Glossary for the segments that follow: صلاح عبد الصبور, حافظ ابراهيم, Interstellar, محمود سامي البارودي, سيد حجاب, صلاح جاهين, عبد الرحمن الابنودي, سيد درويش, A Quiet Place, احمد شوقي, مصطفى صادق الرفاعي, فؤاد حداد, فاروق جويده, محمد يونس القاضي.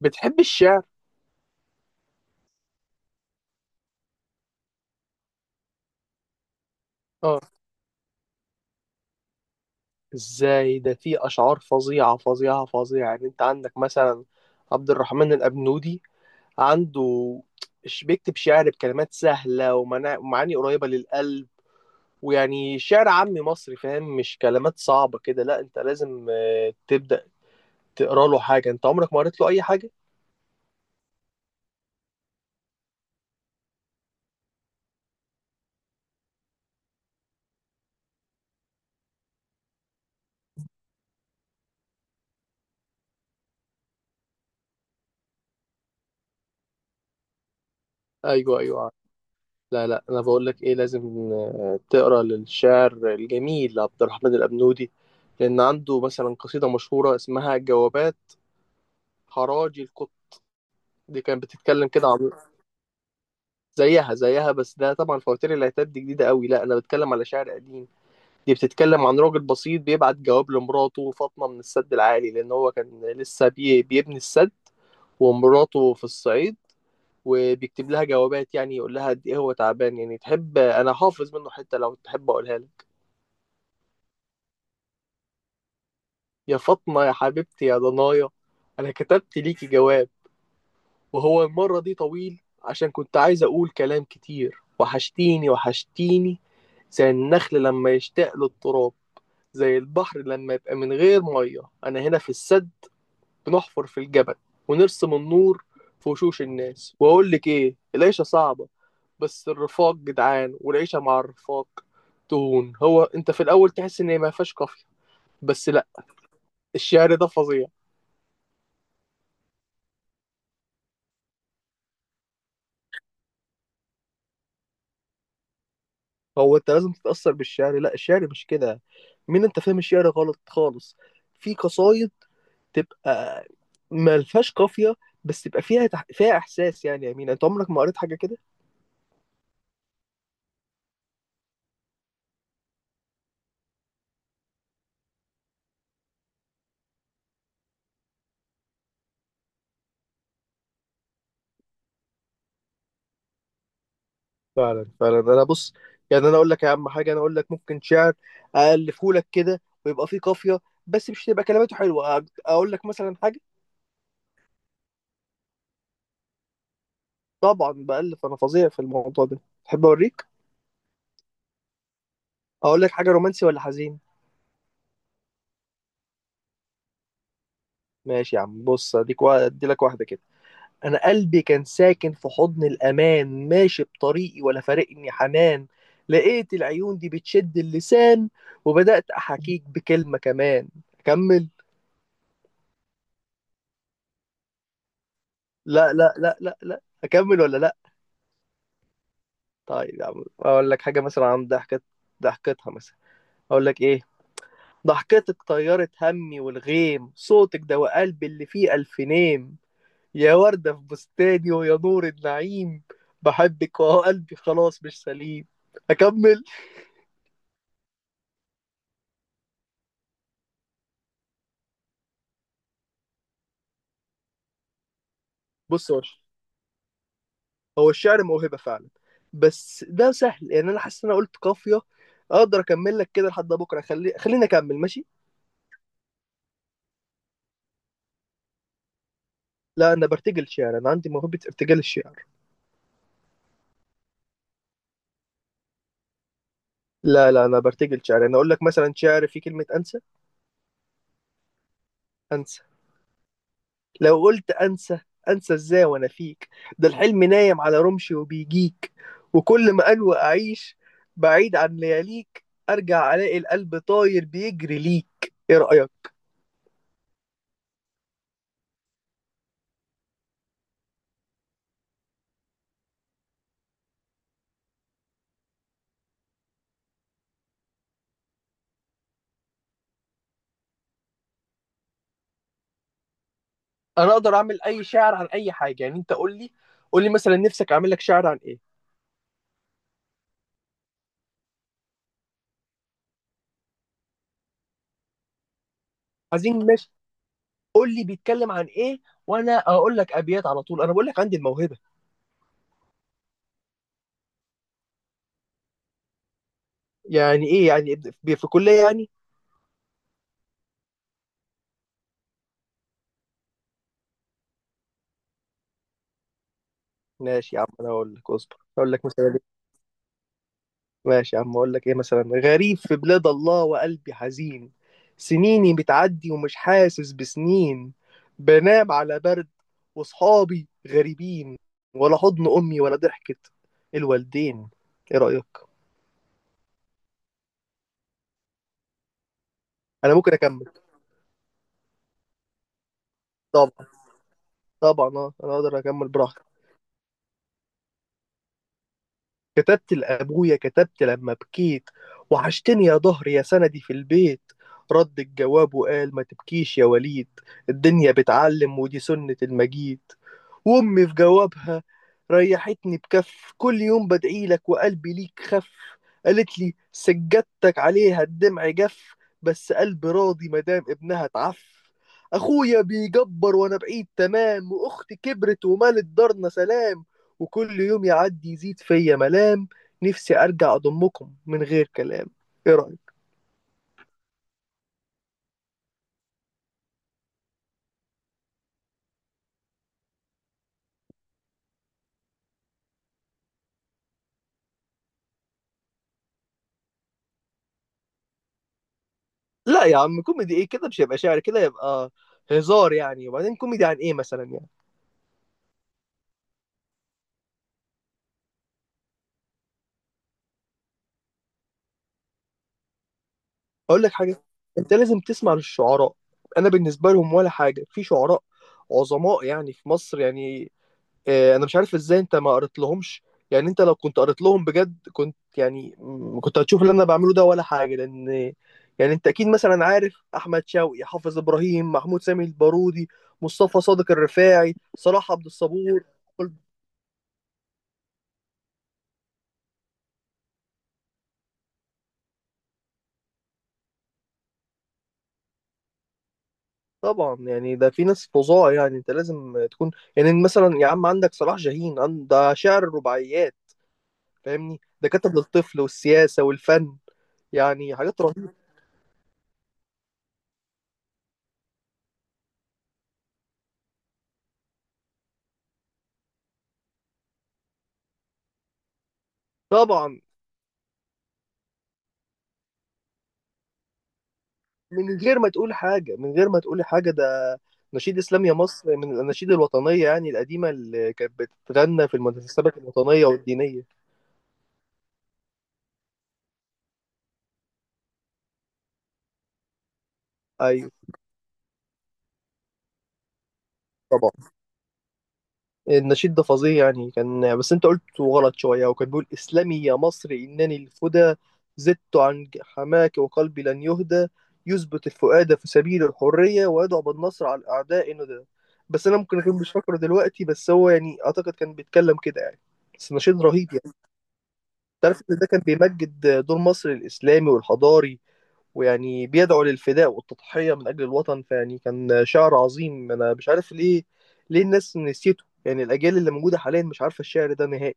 بتحب الشعر؟ اه. ازاي ده؟ في اشعار فظيعه فظيعه فظيعه، يعني انت عندك مثلا عبد الرحمن الابنودي. عنده بيكتب شعر بكلمات سهله ومعاني قريبه للقلب، ويعني شعر عامي مصري، فاهم؟ مش كلمات صعبه كده. لا انت لازم تبدا تقرا له حاجه. انت عمرك ما قريت له اي حاجه؟ ايوه ايوه. لا لا، انا بقول لك ايه، لازم تقرا للشاعر الجميل عبد الرحمن الابنودي، لان عنده مثلا قصيده مشهوره اسمها جوابات حراجي القط، دي كانت بتتكلم كده عميق. زيها زيها، بس ده طبعا فواتير العتاب دي جديدة قوي، لا انا بتكلم على شعر قديم. دي بتتكلم عن راجل بسيط بيبعت جواب لمراته فاطمة من السد العالي، لان هو كان لسه بيبني السد، ومراته في الصعيد، وبيكتب لها جوابات، يعني يقول لها قد ايه هو تعبان. يعني تحب؟ انا حافظ منه حتة، لو تحب اقولها لك. يا فاطمة يا حبيبتي يا ضنايا، انا كتبت ليكي جواب، وهو المرة دي طويل، عشان كنت عايز أقول كلام كتير. وحشتيني وحشتيني، زي النخل لما يشتاق للتراب، زي البحر لما يبقى من غير مية. أنا هنا في السد بنحفر في الجبل، ونرسم النور في وشوش الناس. وأقول لك إيه؟ العيشة صعبة بس الرفاق جدعان، والعيشة مع الرفاق تهون. هو أنت في الأول تحس إن ما فيهاش قافية، بس لأ، الشعر ده فظيع. هو انت لازم تتأثر بالشعر؟ لا، الشعر مش كده. مين انت؟ فاهم الشعر غلط خالص. في قصايد تبقى ملهاش قافية، بس تبقى فيها فيها احساس، يعني. يا مين، انت عمرك ما قريت حاجة كده؟ فعلا فعلا. انا بص، يعني انا اقول لك يا عم حاجة، انا اقول لك ممكن شعر الفه لك كده ويبقى فيه قافية، بس مش تبقى كلماته حلوة. اقول لك مثلا حاجة. طبعا بألف، انا فظيع في الموضوع ده، تحب اوريك؟ اقول لك حاجة رومانسي ولا حزين؟ ماشي يا عم، بص ادي لك واحدة كده. أنا قلبي كان ساكن في حضن الأمان، ماشي بطريقي ولا فارقني حنان. لقيت العيون دي بتشد اللسان، وبدأت أحاكيك بكلمة كمان. أكمل؟ لا لا لا لا لا، أكمل ولا لا؟ طيب يا عم، أقول لك حاجة مثلا عن ضحكة، ضحكتها مثلا. أقول لك إيه؟ ضحكتك طيرت همي والغيم، صوتك دواء قلبي اللي فيه ألف نيم. يا وردة في بستاني، ويا نور النعيم، بحبك وهو قلبي خلاص مش سليم. أكمل؟ بص يا باشا، هو الشعر موهبة فعلا، بس ده سهل. يعني انا حاسس ان انا قلت قافية، اقدر اكمل لك كده لحد بكرة. خليني اكمل ماشي؟ لا، انا برتجل شعر، انا عندي موهبة ارتجال الشعر. لا لا، انا برتجل شعر. انا اقول لك مثلا شعر فيه كلمة انسى. انسى. لو قلت انسى، انسى ازاي وانا فيك؟ ده الحلم نايم على رمشي وبيجيك، وكل ما انوى اعيش بعيد عن لياليك، ارجع الاقي القلب طاير بيجري ليك. ايه رأيك؟ انا اقدر اعمل اي شعر عن اي حاجه، يعني انت قول لي. قول لي مثلا نفسك اعمل لك شعر عن ايه؟ عايزين، ماشي. قول لي بيتكلم عن ايه، وانا اقول لك ابيات على طول، انا بقول لك عندي الموهبه. يعني ايه يعني؟ في كليه يعني؟ ماشي يا عم، انا اقول لك، اصبر. اقول لك مثلا إيه؟ ماشي يا عم، اقول لك ايه مثلا. غريب في بلاد الله وقلبي حزين، سنيني بتعدي ومش حاسس بسنين. بنام على برد وصحابي غريبين، ولا حضن امي ولا ضحكه الوالدين. ايه رايك؟ انا ممكن اكمل. طبعا طبعا، اه انا اقدر اكمل براحتي. كتبت لابويا، كتبت لما بكيت، وحشتني يا ضهري يا سندي في البيت. رد الجواب وقال ما تبكيش يا وليد، الدنيا بتعلم ودي سنة المجيد. وأمي في جوابها ريحتني بكف، كل يوم بدعي لك وقلبي ليك خف. قالت لي سجادتك عليها الدمع جف، بس قلبي راضي مدام ابنها اتعف. أخويا بيجبر وأنا بعيد تمام، وأختي كبرت ومالت دارنا سلام. وكل يوم يعدي يزيد فيا ملام، نفسي أرجع أضمكم من غير كلام. إيه رأيك؟ لا يا عم، كوميدي ايه كده؟ مش هيبقى شعر، كده يبقى هزار يعني. وبعدين كوميدي عن ايه مثلا يعني؟ اقول لك حاجه، انت لازم تسمع للشعراء. انا بالنسبه لهم ولا حاجه. في شعراء عظماء يعني، في مصر يعني. انا مش عارف ازاي انت ما قريت لهمش. يعني انت لو كنت قريت لهم بجد، كنت يعني كنت هتشوف اللي انا بعمله ده ولا حاجه. لان يعني انت اكيد مثلا عارف احمد شوقي، حافظ ابراهيم، محمود سامي البارودي، مصطفى صادق الرفاعي، صلاح عبد الصبور كل- طبعا يعني، ده في ناس فظاع. يعني انت لازم تكون، يعني مثلا يا عم عندك صلاح جاهين ده شاعر الرباعيات، فاهمني؟ دكاتره للطفل والسياسه والفن، يعني حاجات رهيبه. طبعا، من غير ما تقولي حاجه، ده نشيد اسلام يا مصر، من الاناشيد الوطنيه يعني القديمه، اللي كانت بتتغنى في المناسبات الوطنيه والدينيه. ايوه. طبعا النشيد ده فظيع، يعني كان، بس انت قلت غلط شوية. وكان بيقول اسلمي يا مصر إنني الفدى، زدت عن حماك وقلبي لن يهدى. يثبت الفؤاد في سبيل الحرية، ويدعو بالنصر على الأعداء ندى. بس أنا ممكن أكون مش فاكره دلوقتي، بس هو يعني أعتقد كان بيتكلم كده يعني، بس نشيد رهيب يعني. تعرف إن ده كان بيمجد دور مصر الإسلامي والحضاري، ويعني بيدعو للفداء والتضحية من أجل الوطن. فيعني كان شعر عظيم، أنا مش عارف ليه. ليه الناس نسيته يعني؟ الأجيال اللي موجودة حاليا مش عارفة الشعر ده نهائي.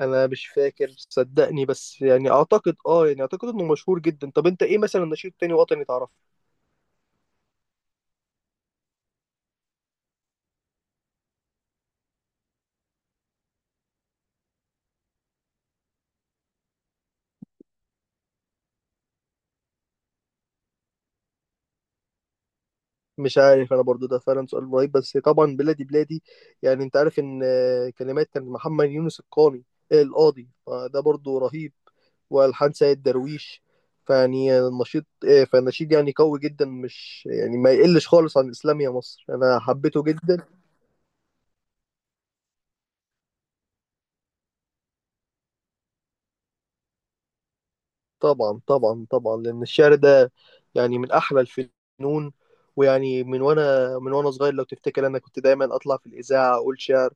أنا مش فاكر، صدقني، بس يعني أعتقد آه يعني أعتقد إنه مشهور جدا. طب أنت إيه مثلا، نشيد تاني وطني تعرفه؟ مش عارف انا برضو، ده فعلا سؤال رهيب. بس طبعا بلادي بلادي، يعني انت عارف ان كلمات كان محمد يونس القاني آه، القاضي، فده برضو رهيب، والحان سيد درويش. فيعني النشيد آه، فالنشيد يعني قوي جدا، مش يعني ما يقلش خالص عن الاسلام يا مصر، انا حبيته جدا. طبعا طبعا طبعا، لان الشعر ده يعني من احلى الفنون. ويعني من وانا صغير، لو تفتكر انا كنت دايما اطلع في الاذاعه اقول شعر.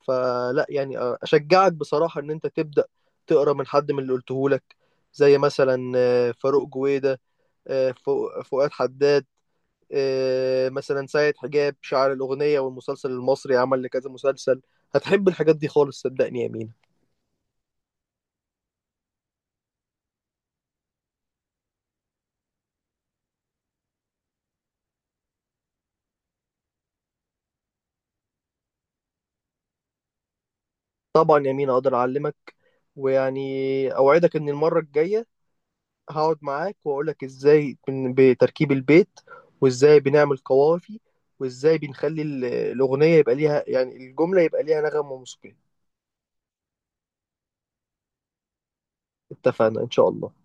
فلا يعني، اشجعك بصراحه ان انت تبدا تقرا من حد من اللي قلته لك، زي مثلا فاروق جويده، فؤاد حداد، مثلا سيد حجاب، شاعر الاغنيه والمسلسل المصري، عمل لكذا مسلسل. هتحب الحاجات دي خالص، صدقني يا مينا. طبعا يا مينا اقدر اعلمك، ويعني اوعدك ان المره الجايه هقعد معاك واقول لك ازاي بتركيب البيت، وازاي بنعمل قوافي، وازاي بنخلي الاغنيه يبقى ليها، يعني الجمله يبقى ليها نغم وموسيقى. اتفقنا ان شاء الله.